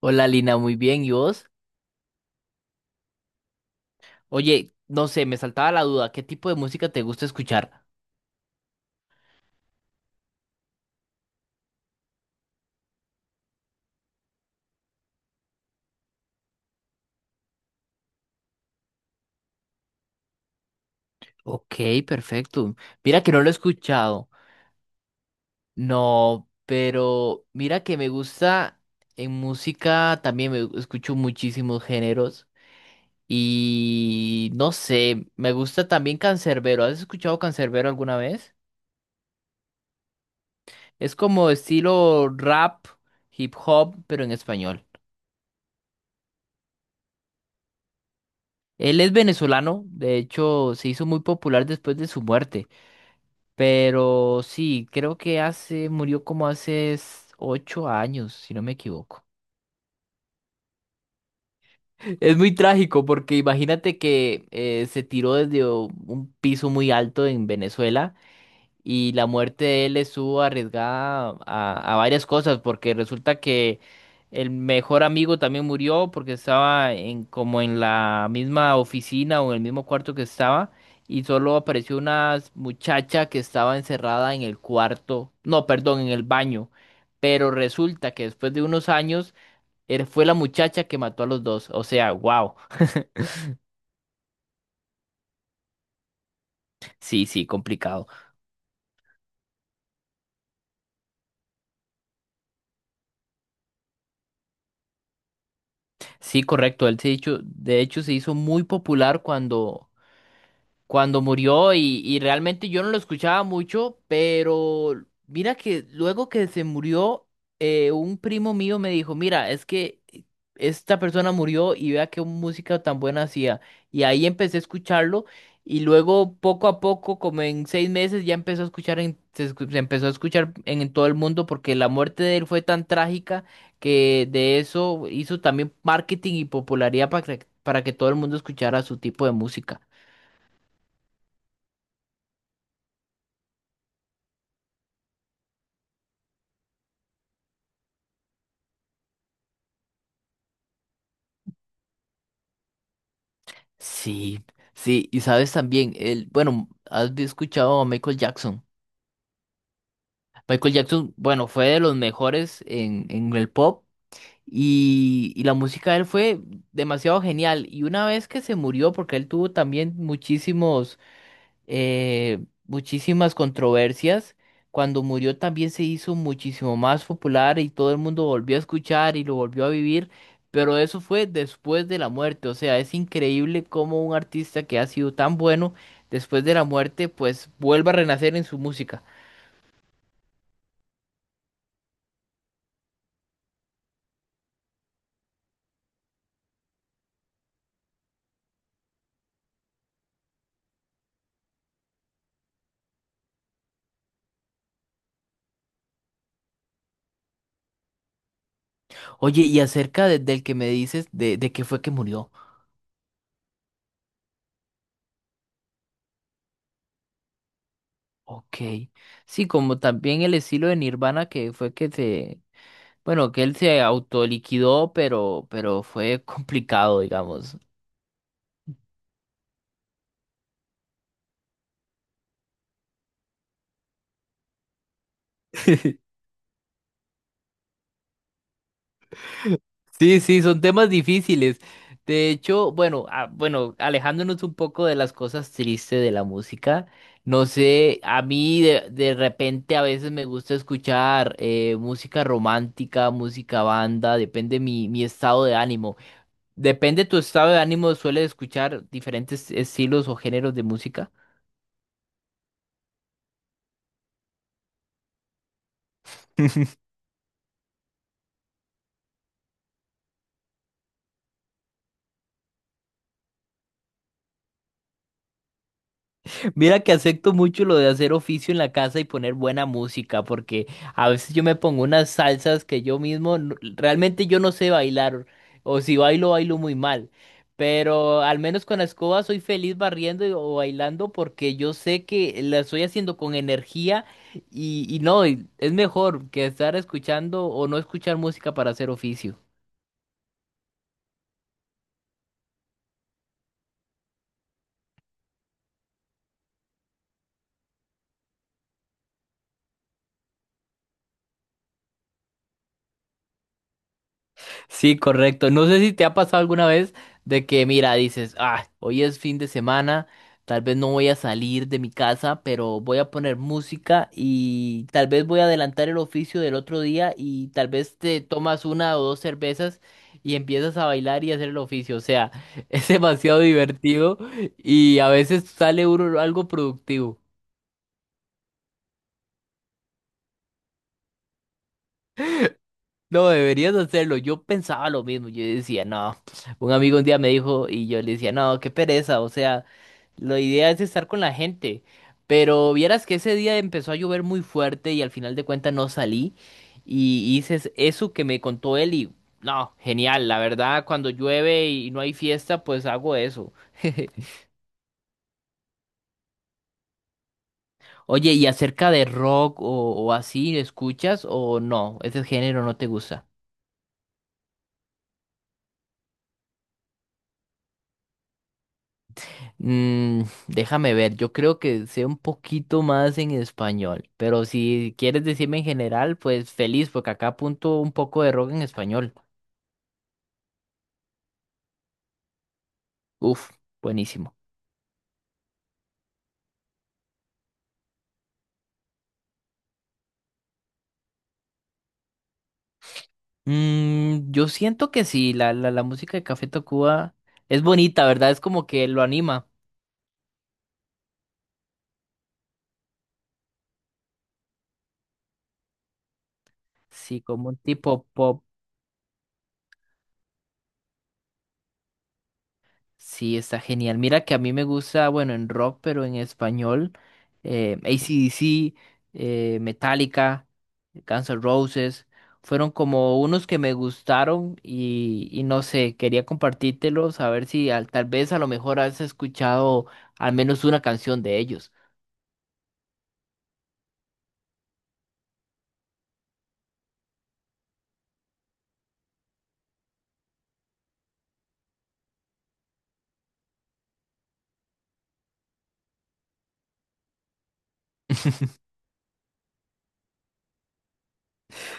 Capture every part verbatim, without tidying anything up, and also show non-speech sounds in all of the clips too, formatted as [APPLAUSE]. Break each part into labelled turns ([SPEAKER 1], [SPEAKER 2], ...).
[SPEAKER 1] Hola Lina, muy bien, ¿y vos? Oye, no sé, me saltaba la duda, ¿qué tipo de música te gusta escuchar? Ok, perfecto. Mira que no lo he escuchado. No, pero mira que me gusta en música también, me escucho muchísimos géneros y no sé, me gusta también Canserbero. ¿Has escuchado Canserbero alguna vez? Es como estilo rap, hip hop, pero en español. Él es venezolano, de hecho, se hizo muy popular después de su muerte. Pero sí, creo que hace, murió como hace s- ocho años, si no me equivoco. Es muy trágico porque imagínate que eh, se tiró desde o- un piso muy alto en Venezuela. Y la muerte de él estuvo arriesgada a, a varias cosas, porque resulta que el mejor amigo también murió porque estaba en, como en la misma oficina o en el mismo cuarto que estaba, y solo apareció una muchacha que estaba encerrada en el cuarto, no, perdón, en el baño. Pero resulta que después de unos años él fue la muchacha que mató a los dos. O sea, wow. Sí, sí, complicado. Sí, correcto. Él se hizo- de hecho, se hizo muy popular cuando cuando murió y, y realmente yo no lo escuchaba mucho, pero mira que luego que se murió, eh, un primo mío me dijo, mira, es que esta persona murió y vea qué música tan buena hacía. Y ahí empecé a escucharlo y luego poco a poco, como en seis meses, ya empezó a escuchar en- se, escu- se empezó a escuchar en, en todo el mundo porque la muerte de él fue tan trágica que de eso hizo también marketing y popularidad para que, para que todo el mundo escuchara su tipo de música. Sí, sí, y sabes también, el, bueno, has escuchado a Michael Jackson. Michael Jackson, bueno, fue de los mejores en, en el pop y, y la música de él fue demasiado genial. Y una vez que se murió, porque él tuvo también muchísimos eh, muchísimas controversias. Cuando murió también se hizo muchísimo más popular y todo el mundo volvió a escuchar y lo volvió a vivir, pero eso fue después de la muerte. O sea, es increíble cómo un artista que ha sido tan bueno después de la muerte, pues vuelva a renacer en su música. Oye, y acerca de- del que me dices, de, de qué fue que murió. Ok. Sí, como también el estilo de Nirvana que fue que se. Bueno, que él se autoliquidó, pero, pero fue complicado, digamos. [LAUGHS] Sí, sí, son temas difíciles. De hecho, bueno, ah, bueno, alejándonos un poco de las cosas tristes de la música, no sé, a mí de, de repente a veces me gusta escuchar eh, música romántica, música banda, depende mi, mi estado de ánimo. Depende tu estado de ánimo, ¿sueles escuchar diferentes estilos o géneros de música? [LAUGHS] Mira que acepto mucho lo de hacer oficio en la casa y poner buena música, porque a veces yo me pongo unas salsas que yo mismo, n- realmente yo no sé bailar, o si bailo, bailo muy mal, pero al menos con la escoba soy feliz barriendo y- o bailando porque yo sé que la estoy haciendo con energía y, y no, y es mejor que estar escuchando o no escuchar música para hacer oficio. Sí, correcto. No sé si te ha pasado alguna vez de que, mira, dices, ah, hoy es fin de semana, tal vez no voy a salir de mi casa, pero voy a poner música y tal vez voy a adelantar el oficio del otro día y tal vez te tomas una o dos cervezas y empiezas a bailar y hacer el oficio. O sea, [LAUGHS] es demasiado divertido y a veces sale uno algo productivo. No, deberías hacerlo. Yo pensaba lo mismo. Yo decía, no. Un amigo un día me dijo y yo le decía, no, qué pereza. O sea, la idea es estar con la gente. Pero vieras que ese día empezó a llover muy fuerte y al final de cuentas no salí. Y hice es- eso que me contó él y no, genial. La verdad, cuando llueve y no hay fiesta, pues hago eso. [LAUGHS] Oye, ¿y acerca de rock o, o así, escuchas o no? ¿Ese género no te gusta? Mm, déjame ver, yo creo que sé un poquito más en español, pero si quieres decirme en general, pues feliz, porque acá apunto un poco de rock en español. Uf, buenísimo. Mm, yo siento que sí, la, la, la música de Café Tacuba es bonita, ¿verdad? Es como que lo anima. Sí, como un tipo pop. Sí, está genial. Mira que a mí me gusta, bueno, en rock, pero en español, eh, A C/D C, eh, Metallica, Guns N' Roses, fueron como unos que me gustaron y, y no sé, quería compartírtelos, a ver si al- tal vez a lo mejor has escuchado al menos una canción de ellos.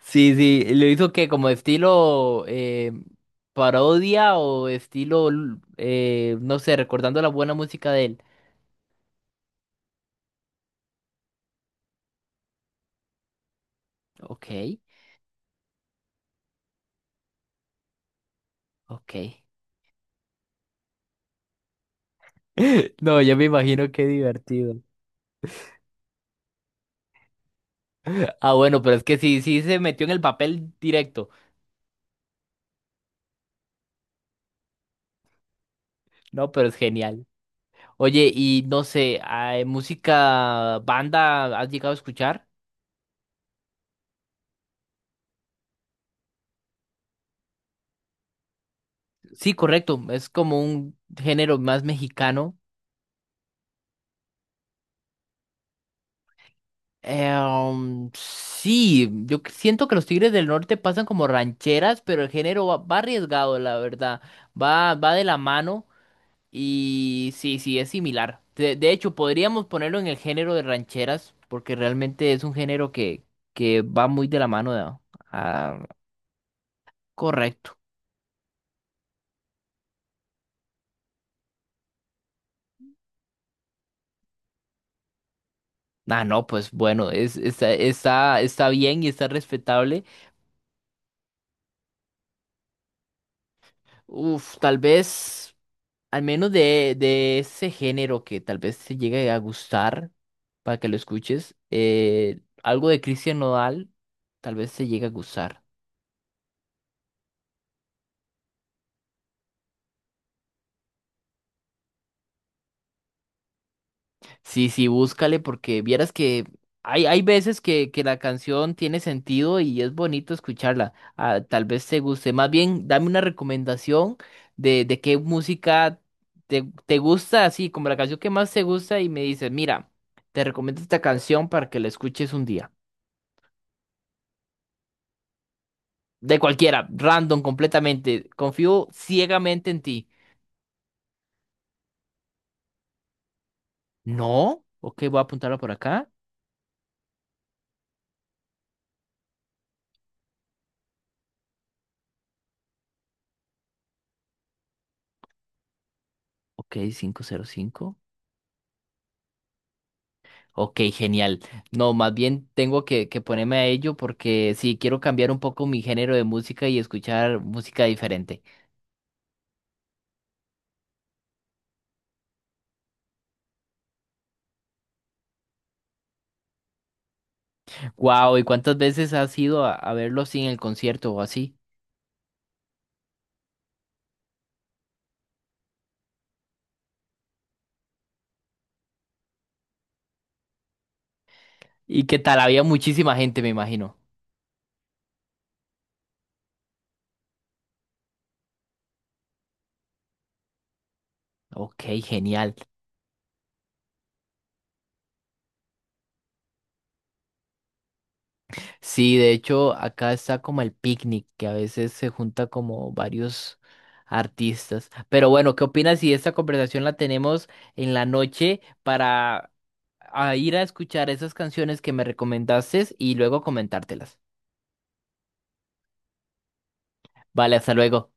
[SPEAKER 1] Sí, sí, lo hizo que como estilo eh, parodia o estilo, l- eh, no sé, recordando la buena música de él. Ok, ok. [LAUGHS] No, yo me imagino qué divertido. Ah, bueno, pero es que sí, sí se metió en el papel directo. No, pero es genial. Oye, y no sé, ah, música, banda, ¿has llegado a escuchar? Sí, correcto, es como un género más mexicano. Eh, um, sí, yo que- siento que los Tigres del Norte pasan como rancheras, pero el género va, va arriesgado, la verdad. Va, va de la mano. Y sí, sí, es similar. De, de hecho, podríamos ponerlo en el género de rancheras, porque realmente es un género que, que va muy de la mano de- ah, correcto. Ah, no, pues bueno, es, está, está, está bien y está respetable. Uf, tal vez, al menos de, de ese género que tal vez te llegue a gustar, para que lo escuches, eh, algo de Christian Nodal, tal vez te llegue a gustar. Sí, sí, búscale porque vieras que hay, hay veces que, que la canción tiene sentido y es bonito escucharla. Ah, tal vez te guste. Más bien, dame una recomendación de, de qué música te, te gusta, así como la canción que más te gusta y me dices, mira, te recomiendo esta canción para que la escuches un día. De cualquiera, random, completamente. Confío ciegamente en ti. No, ok, voy a apuntarla por acá. Ok, quinientos cinco. Ok, genial. No, más bien tengo que, que ponerme a ello porque sí, quiero cambiar un poco mi género de música y escuchar música diferente. Wow, ¿y cuántas veces has ido a, a verlo así en el concierto o así? ¿Y qué tal? Había muchísima gente, me imagino. Ok, genial. Sí, de hecho, acá está como el picnic, que a veces se junta como varios artistas. Pero bueno, ¿qué opinas si esta conversación la tenemos en la noche para a ir a escuchar esas canciones que me recomendaste y luego comentártelas? Vale, hasta luego.